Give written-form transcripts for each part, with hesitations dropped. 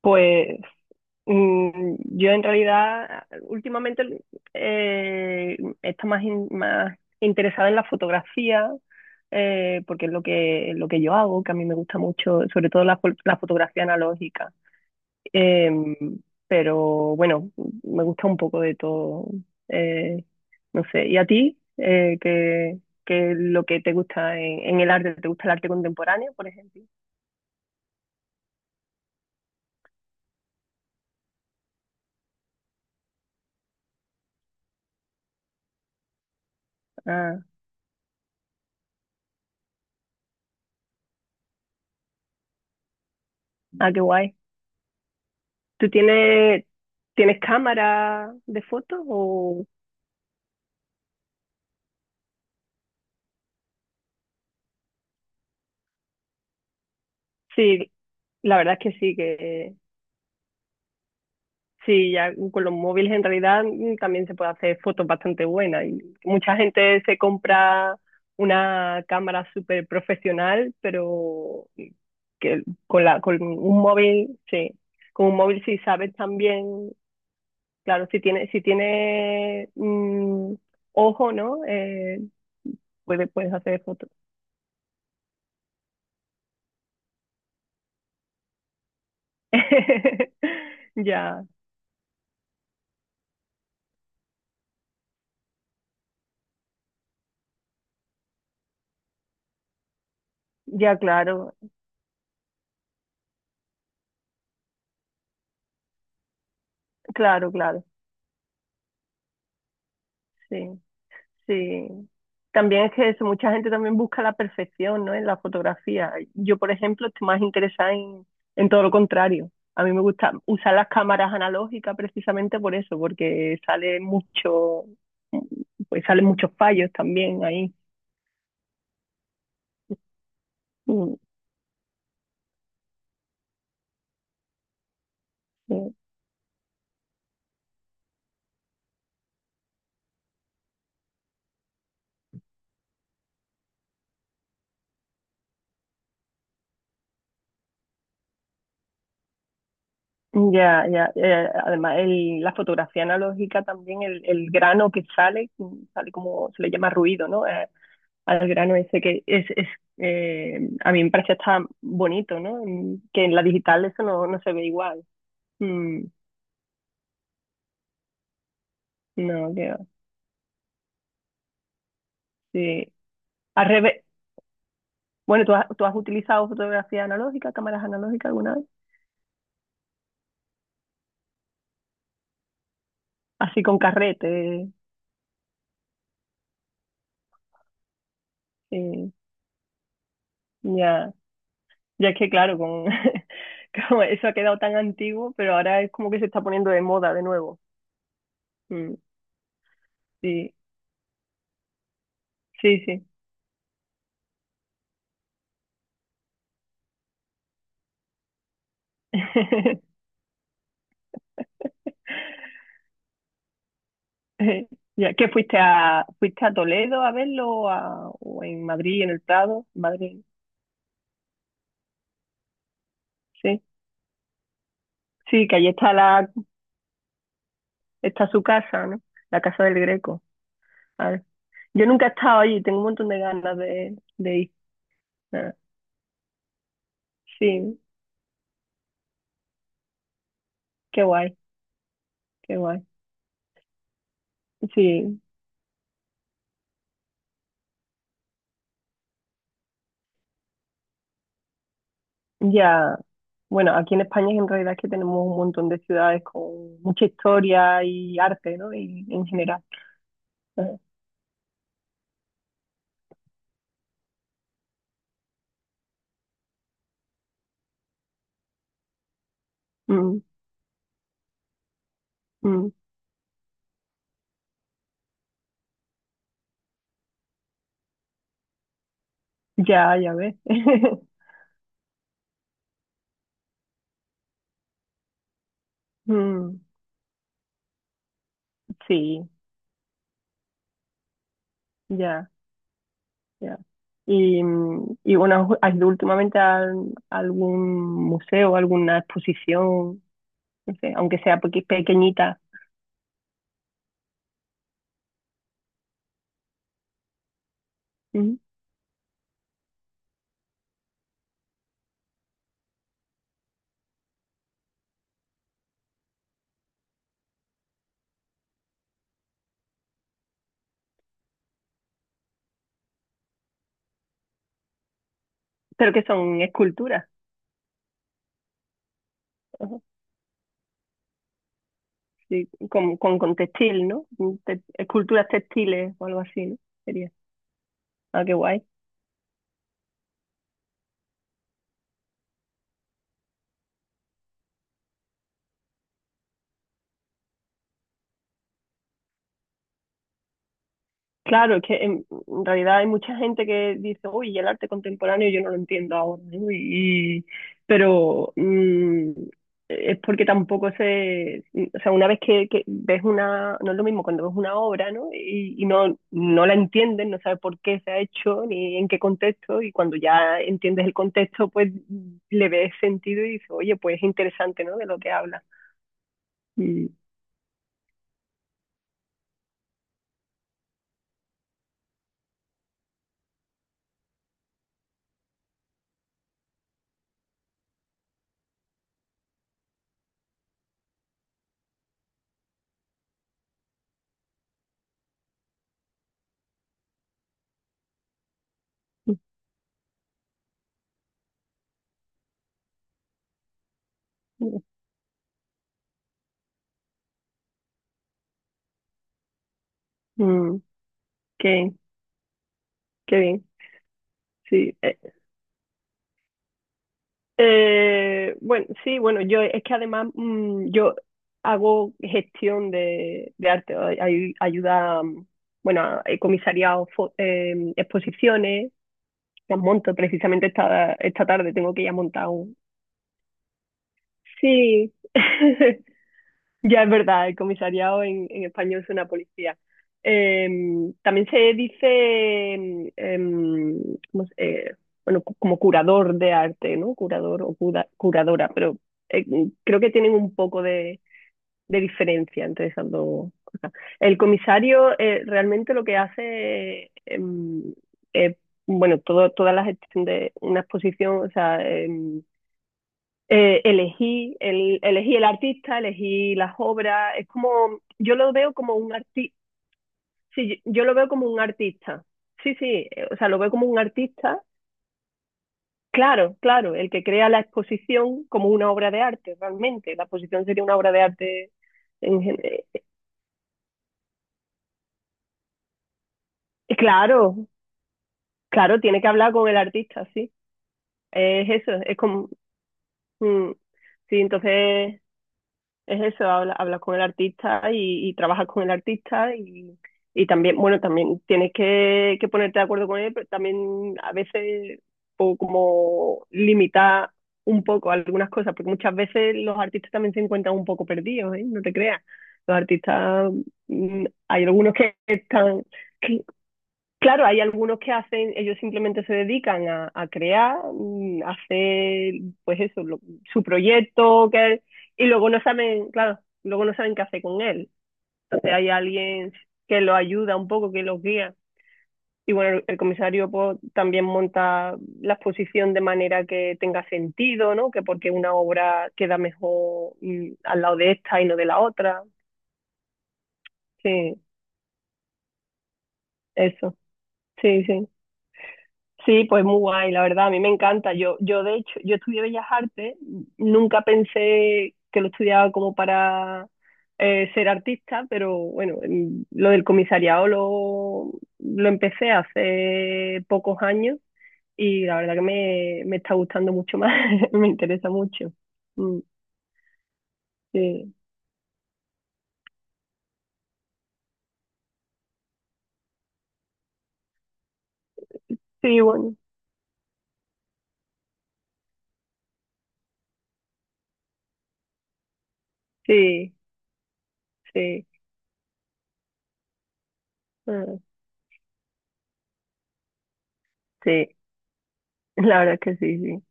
Pues yo en realidad últimamente está más, más interesada en la fotografía, porque es lo que yo hago, que a mí me gusta mucho, sobre todo la, la fotografía analógica. Em, pero bueno, me gusta un poco de todo. eh, no sé, ¿y a ti? ¿Qué es lo que te gusta en el arte? ¿Te gusta el arte contemporáneo, por ejemplo? Ah, ah, qué guay. ¿Tú tienes, tienes cámara de fotos? O... Sí, la verdad es que sí, ya con los móviles en realidad también se puede hacer fotos bastante buenas. Y mucha gente se compra una cámara súper profesional, pero que con la, con un móvil, sí, con un móvil si sabes también, claro, si tienes, si tiene ojo, ¿no? Puedes, puedes hacer fotos. Ya. Ya, claro, claro, claro, sí, sí. También es que eso, mucha gente también busca la perfección, ¿no? En la fotografía. Yo, por ejemplo, estoy más interesada en todo lo contrario. A mí me gusta usar las cámaras analógicas precisamente por eso, porque sale mucho, pues salen muchos fallos también ahí. Mm, sí. Ya, ya, además el, la fotografía analógica también, el grano que sale, sale como se le llama ruido, ¿no? Al grano ese que es a mí me parece hasta bonito, ¿no? Mm. Que en la digital eso no, no se ve igual. Mm, no, que va, sí. Al revés. Bueno, tú has utilizado fotografía analógica, cámaras analógicas alguna vez? Así con carrete, eh, ya. Ya es que claro, con, como eso ha quedado tan antiguo, pero ahora es como que se está poniendo de moda de nuevo. Mm, sí, sí, sí. Ya, ¿qué fuiste a, fuiste a Toledo a verlo o, o en Madrid, en el Prado? Madrid, sí. Sí, que allí está la, está su casa, ¿no? La casa del Greco. A ver. Yo nunca he estado allí, tengo un montón de ganas de ir. Ah, sí, qué guay, qué guay. Sí, ya. Bueno, aquí en España en realidad es que tenemos un montón de ciudades con mucha historia y arte, ¿no? Y, en general. Ah, mm, mm. Ya, ya ves. Mm, sí, ya. Ya. Y, y bueno, ¿has ido últimamente a, algún museo, alguna exposición, no sé, aunque sea pequeñita? Ujú. Pero que son esculturas, ajá, sí, con textil, ¿no? Esculturas textiles o algo así, ¿no? Sería. Ah, qué guay. Claro, es que en realidad hay mucha gente que dice, uy, y el arte contemporáneo yo no lo entiendo ahora, ¿no? Y- pero es porque tampoco se, o sea, una vez que ves una, no es lo mismo cuando ves una obra, ¿no? Y no, no la entiendes, no sabes por qué se ha hecho ni en qué contexto, y cuando ya entiendes el contexto, pues le ves sentido y dices, oye, pues es interesante, ¿no? De lo que habla. Mm, mm, mm, qué, qué bien, sí. Bueno, sí, bueno, yo es que además yo hago gestión de arte, ayuda, bueno, he comisariado exposiciones, las monto precisamente esta, esta tarde, tengo que ir a montar un... Sí, ya es verdad, el comisariado en español suena a policía. También se dice, ¿cómo se- eh, bueno, como curador de arte, ¿no? Curador o curadora, pero eh, creo que tienen un poco de diferencia entre esas dos cosas. El comisario realmente lo que hace es, bueno, todo, toda la gestión de una exposición, o sea, elegí el artista, elegí las obras, es como, yo lo veo como un artista, sí, yo, lo veo como un artista, sí, sí, o sea, lo veo como un artista, claro, claro, el que crea la exposición como una obra de arte, realmente, la exposición sería una obra de arte, en, gen- claro, claro, tiene que hablar con el artista, sí, es eso, es como, mm, sí, entonces es eso, habla, habla con el artista y trabaja con el artista y también, bueno, también tienes que ponerte de acuerdo con él, pero también a veces como limitar un poco algunas cosas, porque muchas veces los artistas también se encuentran un poco perdidos, ¿eh? No te creas. Los artistas, hay algunos que están, claro, hay algunos que hacen, ellos simplemente se dedican a crear, a hacer, pues eso, su proyecto, que, y luego no saben, claro, luego no saben qué hacer con él. Entonces hay alguien que lo ayuda un poco, que los guía. Y bueno, el comisario pues, también monta la exposición de manera que tenga sentido, ¿no? Que porque una obra queda mejor al lado de esta y no de la otra. Sí, eso. Sí, sí. Sí, pues muy guay, la verdad, a mí me encanta. Yo de hecho, yo estudié Bellas Artes, nunca pensé que lo estudiaba como para ser artista, pero bueno, lo del comisariado lo empecé hace pocos años y la verdad que me está gustando mucho más, me interesa mucho. Mm, sí, sí, bueno, sí, sí, ah, sí, la verdad es que sí, sí.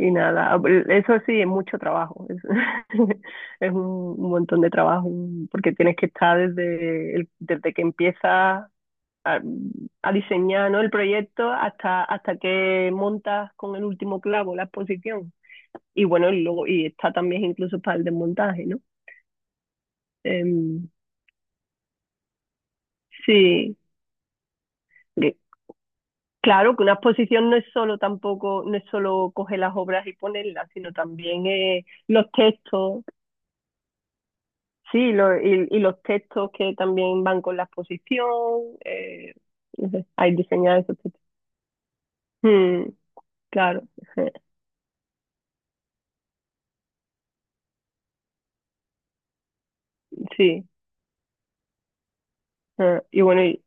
Y nada, ah, pues, eso sí, es mucho trabajo, es, es un montón de trabajo, un- porque tienes que estar desde, desde que empiezas a, a diseñar, ¿no? El proyecto hasta, hasta que montas con el último clavo la exposición. Y bueno, y luego, y está también incluso para el desmontaje, ¿no? Em, sí, que- claro que una exposición no es solo tampoco, no es solo coger las obras y ponerlas, sino también los textos, sí, lo- y los textos que también van con la exposición, eh, no sé, hay diseñados esos textos. Mm, claro, sí. Ah, y bueno, y-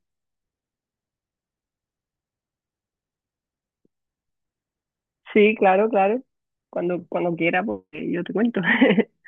sí, claro, claro. Cuando, cuando quiera, pues yo te cuento.